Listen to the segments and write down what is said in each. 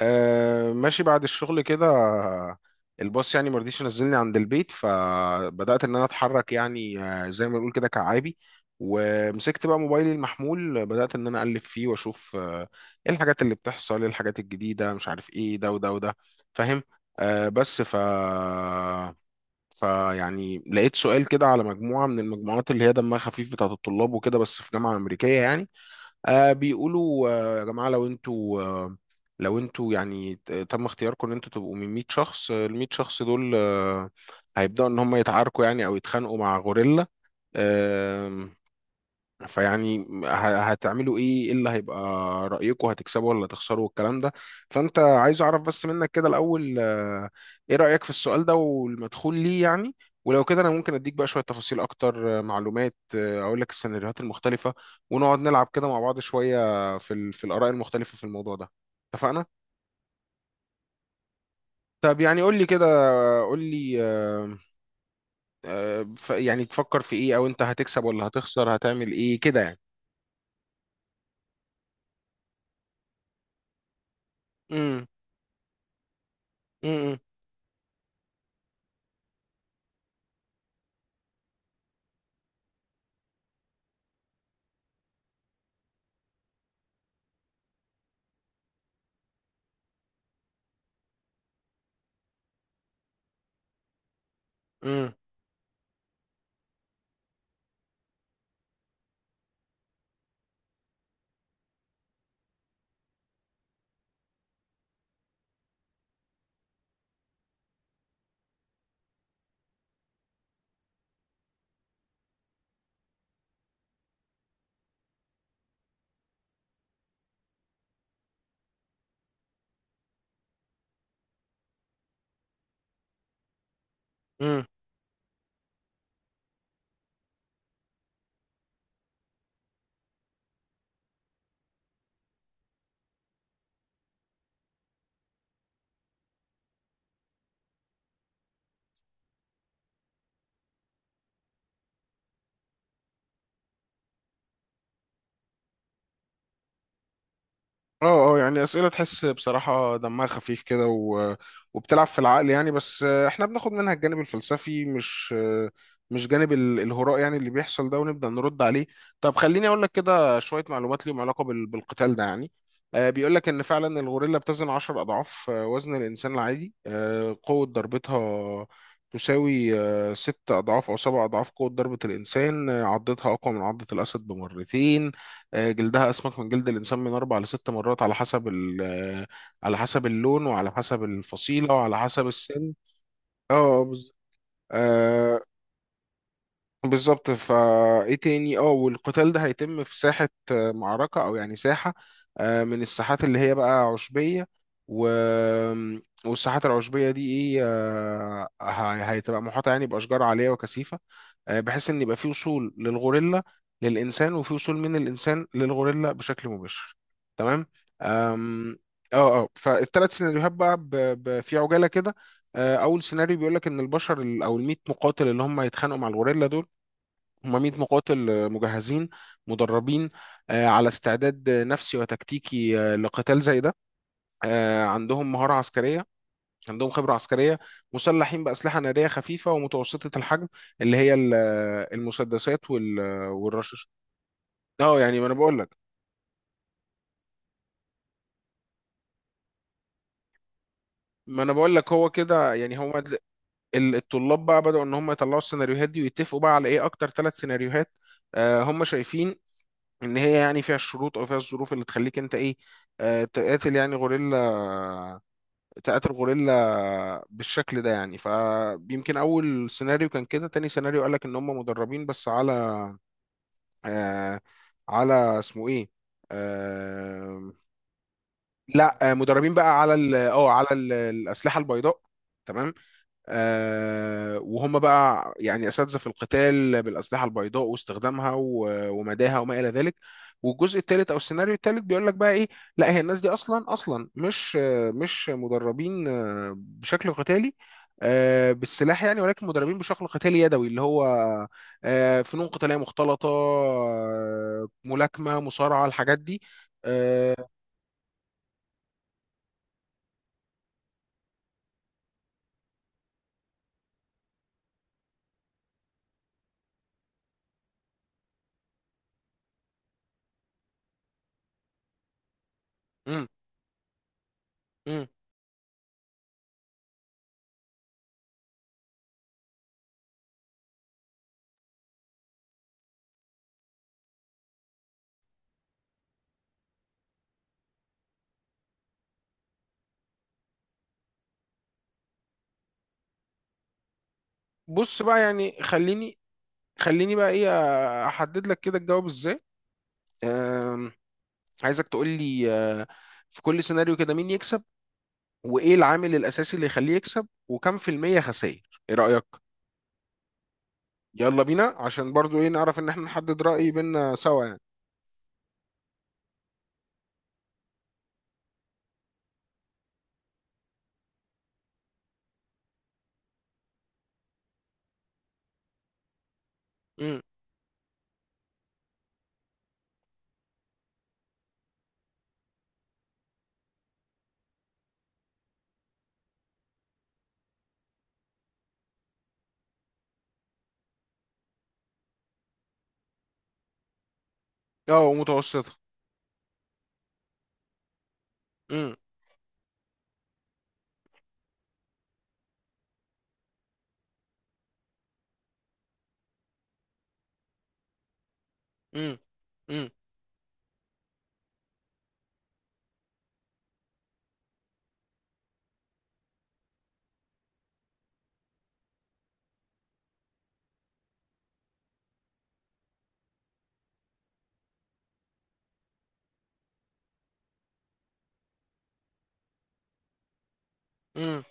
ماشي بعد الشغل كده. الباص يعني ما رضيش ينزلني عند البيت، فبدأت ان انا اتحرك، يعني زي ما نقول كده كعابي. ومسكت بقى موبايلي المحمول، بدأت ان انا اقلب فيه واشوف ايه الحاجات اللي بتحصل، ايه الحاجات الجديدة، مش عارف ايه ده وده وده. فاهم؟ بس فيعني لقيت سؤال كده على مجموعة من المجموعات اللي هي دمها خفيف بتاعت الطلاب وكده، بس في جامعة أمريكية يعني. بيقولوا يا جماعة، لو انتوا يعني تم اختياركم ان انتوا تبقوا من 100 شخص، ال 100 شخص دول هيبدأوا ان هم يتعاركوا، يعني او يتخانقوا مع غوريلا. فيعني هتعملوا ايه؟ ايه اللي هيبقى رأيكم، هتكسبوا ولا تخسروا والكلام ده؟ فانت عايز اعرف بس منك كده الاول، ايه رأيك في السؤال ده والمدخول ليه يعني؟ ولو كده انا ممكن اديك بقى شوية تفاصيل اكتر، معلومات، اقول لك السيناريوهات المختلفة، ونقعد نلعب كده مع بعض شوية في في الآراء المختلفة في الموضوع ده. اتفقنا؟ طب يعني قول لي كده، قول لي يعني تفكر في ايه، او انت هتكسب ولا هتخسر، هتعمل ايه كده يعني؟ امم. امم. امم. امم. اه، اه، يعني اسئله تحس بصراحه دمها خفيف كده، و... وبتلعب في العقل يعني. بس احنا بناخد منها الجانب الفلسفي، مش مش جانب الهراء يعني اللي بيحصل ده، ونبدا نرد عليه. طب خليني اقول لك كده شويه معلومات ليهم علاقه بالقتال ده يعني. بيقول لك ان فعلا الغوريلا بتزن 10 اضعاف وزن الانسان العادي. قوه ضربتها تساوي ست أضعاف أو سبع أضعاف قوة ضربة الإنسان. عضتها أقوى من عضة الأسد بمرتين. جلدها اسمك من جلد الانسان من اربع لست مرات على حسب على حسب اللون وعلى حسب الفصيله وعلى حسب السن. اه آه، بز- آه، بالظبط. فايه تاني؟ اه، والقتال ده هيتم في ساحه، معركه، او يعني ساحه من الساحات اللي هي بقى عشبيه. و... والساحات العشبيه دي ايه، هتبقى محاطه يعني باشجار عاليه وكثيفه، بحيث ان يبقى في وصول للغوريلا للانسان وفي وصول من الانسان للغوريلا بشكل مباشر. تمام. أم، اه، اه، فالثلاث سيناريوهات بقى في عجاله كده. اول سيناريو بيقول لك ان البشر او ال 100 مقاتل اللي هم هيتخانقوا مع الغوريلا دول، هم 100 مقاتل مجهزين، مدربين، على استعداد نفسي وتكتيكي، لقتال زي ده. عندهم مهاره عسكريه، عندهم خبرة عسكرية، مسلحين بأسلحة نارية خفيفة ومتوسطة الحجم، اللي هي المسدسات والرشاش. اه، يعني ما انا بقول لك هو كده يعني. الطلاب بقى بدأوا ان هم يطلعوا السيناريوهات دي، ويتفقوا بقى على ايه اكتر ثلاث سيناريوهات هم شايفين ان هي يعني فيها الشروط او فيها الظروف اللي تخليك انت ايه، تقاتل يعني غوريلا، تقاتل غوريلا بالشكل ده يعني. فيمكن اول سيناريو كان كده. تاني سيناريو قال لك ان هم مدربين بس على آه على اسمه ايه، آه لا مدربين بقى على على الاسلحه البيضاء. تمام. وهم بقى يعني أساتذة في القتال بالأسلحة البيضاء واستخدامها ومداها وما إلى ذلك. والجزء الثالث أو السيناريو الثالث بيقول لك بقى إيه؟ لا، هي الناس دي أصلا أصلا مش مش مدربين بشكل قتالي بالسلاح يعني، ولكن مدربين بشكل قتالي يدوي اللي هو فنون قتالية مختلطة، ملاكمة، مصارعة، الحاجات دي. آه، مم. مم. بص بقى يعني، خليني خليني بقى ايه، احدد لك كده الجواب ازاي. آم، عايزك تقول لي في كل سيناريو كده مين يكسب، وايه العامل الاساسي اللي يخليه يكسب، وكم في المية خسائر، ايه رأيك؟ يلا بينا عشان برضو ايه نعرف ان احنا نحدد رأي بينا سوا يعني. امم. اه، ومتوسطة. امم. امم. امم. امم.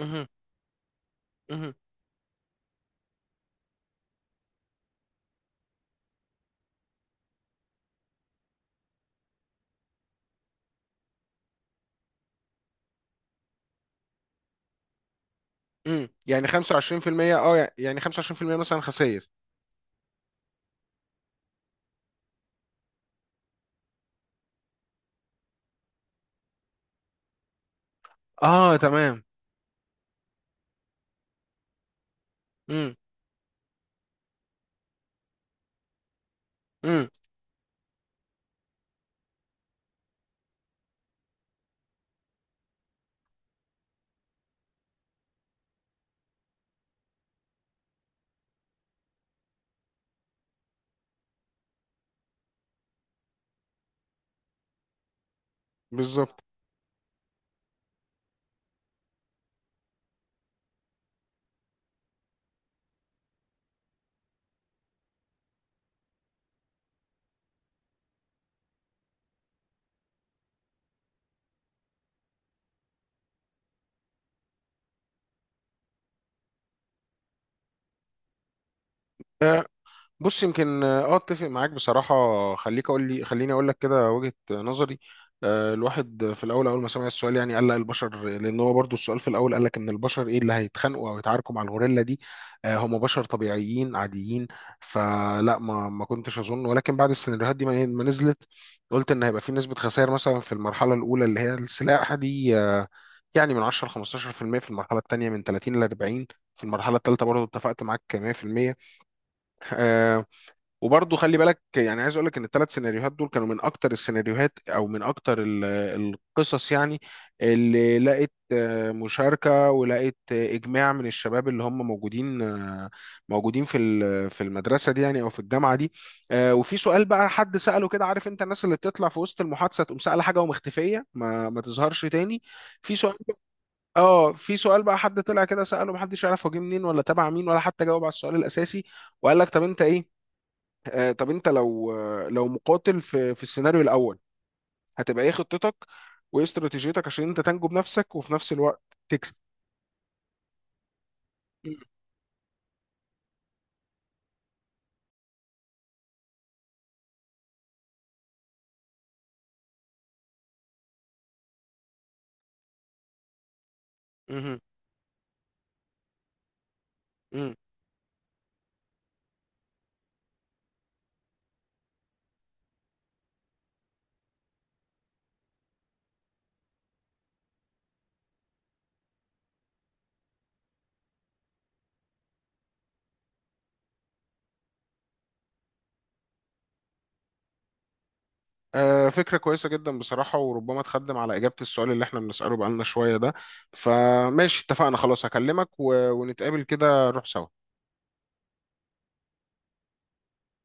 امم. امم. امم، يعني 25%. اه، يعني 25% مثلا خسائر. اه، تمام. امم. امم. بالظبط. بص، يمكن اه اتفق معاك بصراحة. خليك اقول لي خليني اقول لك كده وجهة نظري. الواحد في الاول اول ما سمع السؤال يعني قال لا البشر، لان هو برضو السؤال في الاول قال لك ان البشر ايه اللي هيتخانقوا او يتعاركوا مع الغوريلا دي، هم بشر طبيعيين عاديين. فلا ما ما كنتش اظن، ولكن بعد السيناريوهات دي ما ما نزلت، قلت ان هيبقى في نسبة خسائر مثلا في المرحلة الاولى اللي هي السلاح دي يعني من 10 15% في المية، في المرحلة الثانية من 30 ل 40، في المرحلة الثالثة برضه اتفقت معاك 100%. وبرضه خلي بالك يعني عايز اقول لك ان الثلاث سيناريوهات دول كانوا من اكتر السيناريوهات، او من اكتر القصص يعني، اللي لقت مشاركة، ولقت اجماع من الشباب اللي هم موجودين، موجودين في في المدرسة دي يعني، او في الجامعة دي. وفي سؤال بقى حد سأله كده، عارف انت الناس اللي بتطلع في وسط المحادثة تقوم سأل حاجة ومختفية، ما ما تظهرش تاني. في سؤال بقى- اه، في سؤال بقى حد طلع كده سأله، محدش يعرف هو جه منين، ولا تبع مين، ولا حتى جاوب على السؤال الأساسي. وقال لك طب انت ايه، طب انت لو لو مقاتل في في السيناريو الاول، هتبقى ايه خطتك وايه استراتيجيتك عشان انت تنجو بنفسك وفي نفس الوقت تكسب؟ مم. مهم. مم. فكرة كويسة جدا بصراحة، وربما تخدم على إجابة السؤال اللي احنا بنسأله بقالنا شوية ده. فماشي، اتفقنا خلاص، هكلمك ونتقابل كده نروح سوا.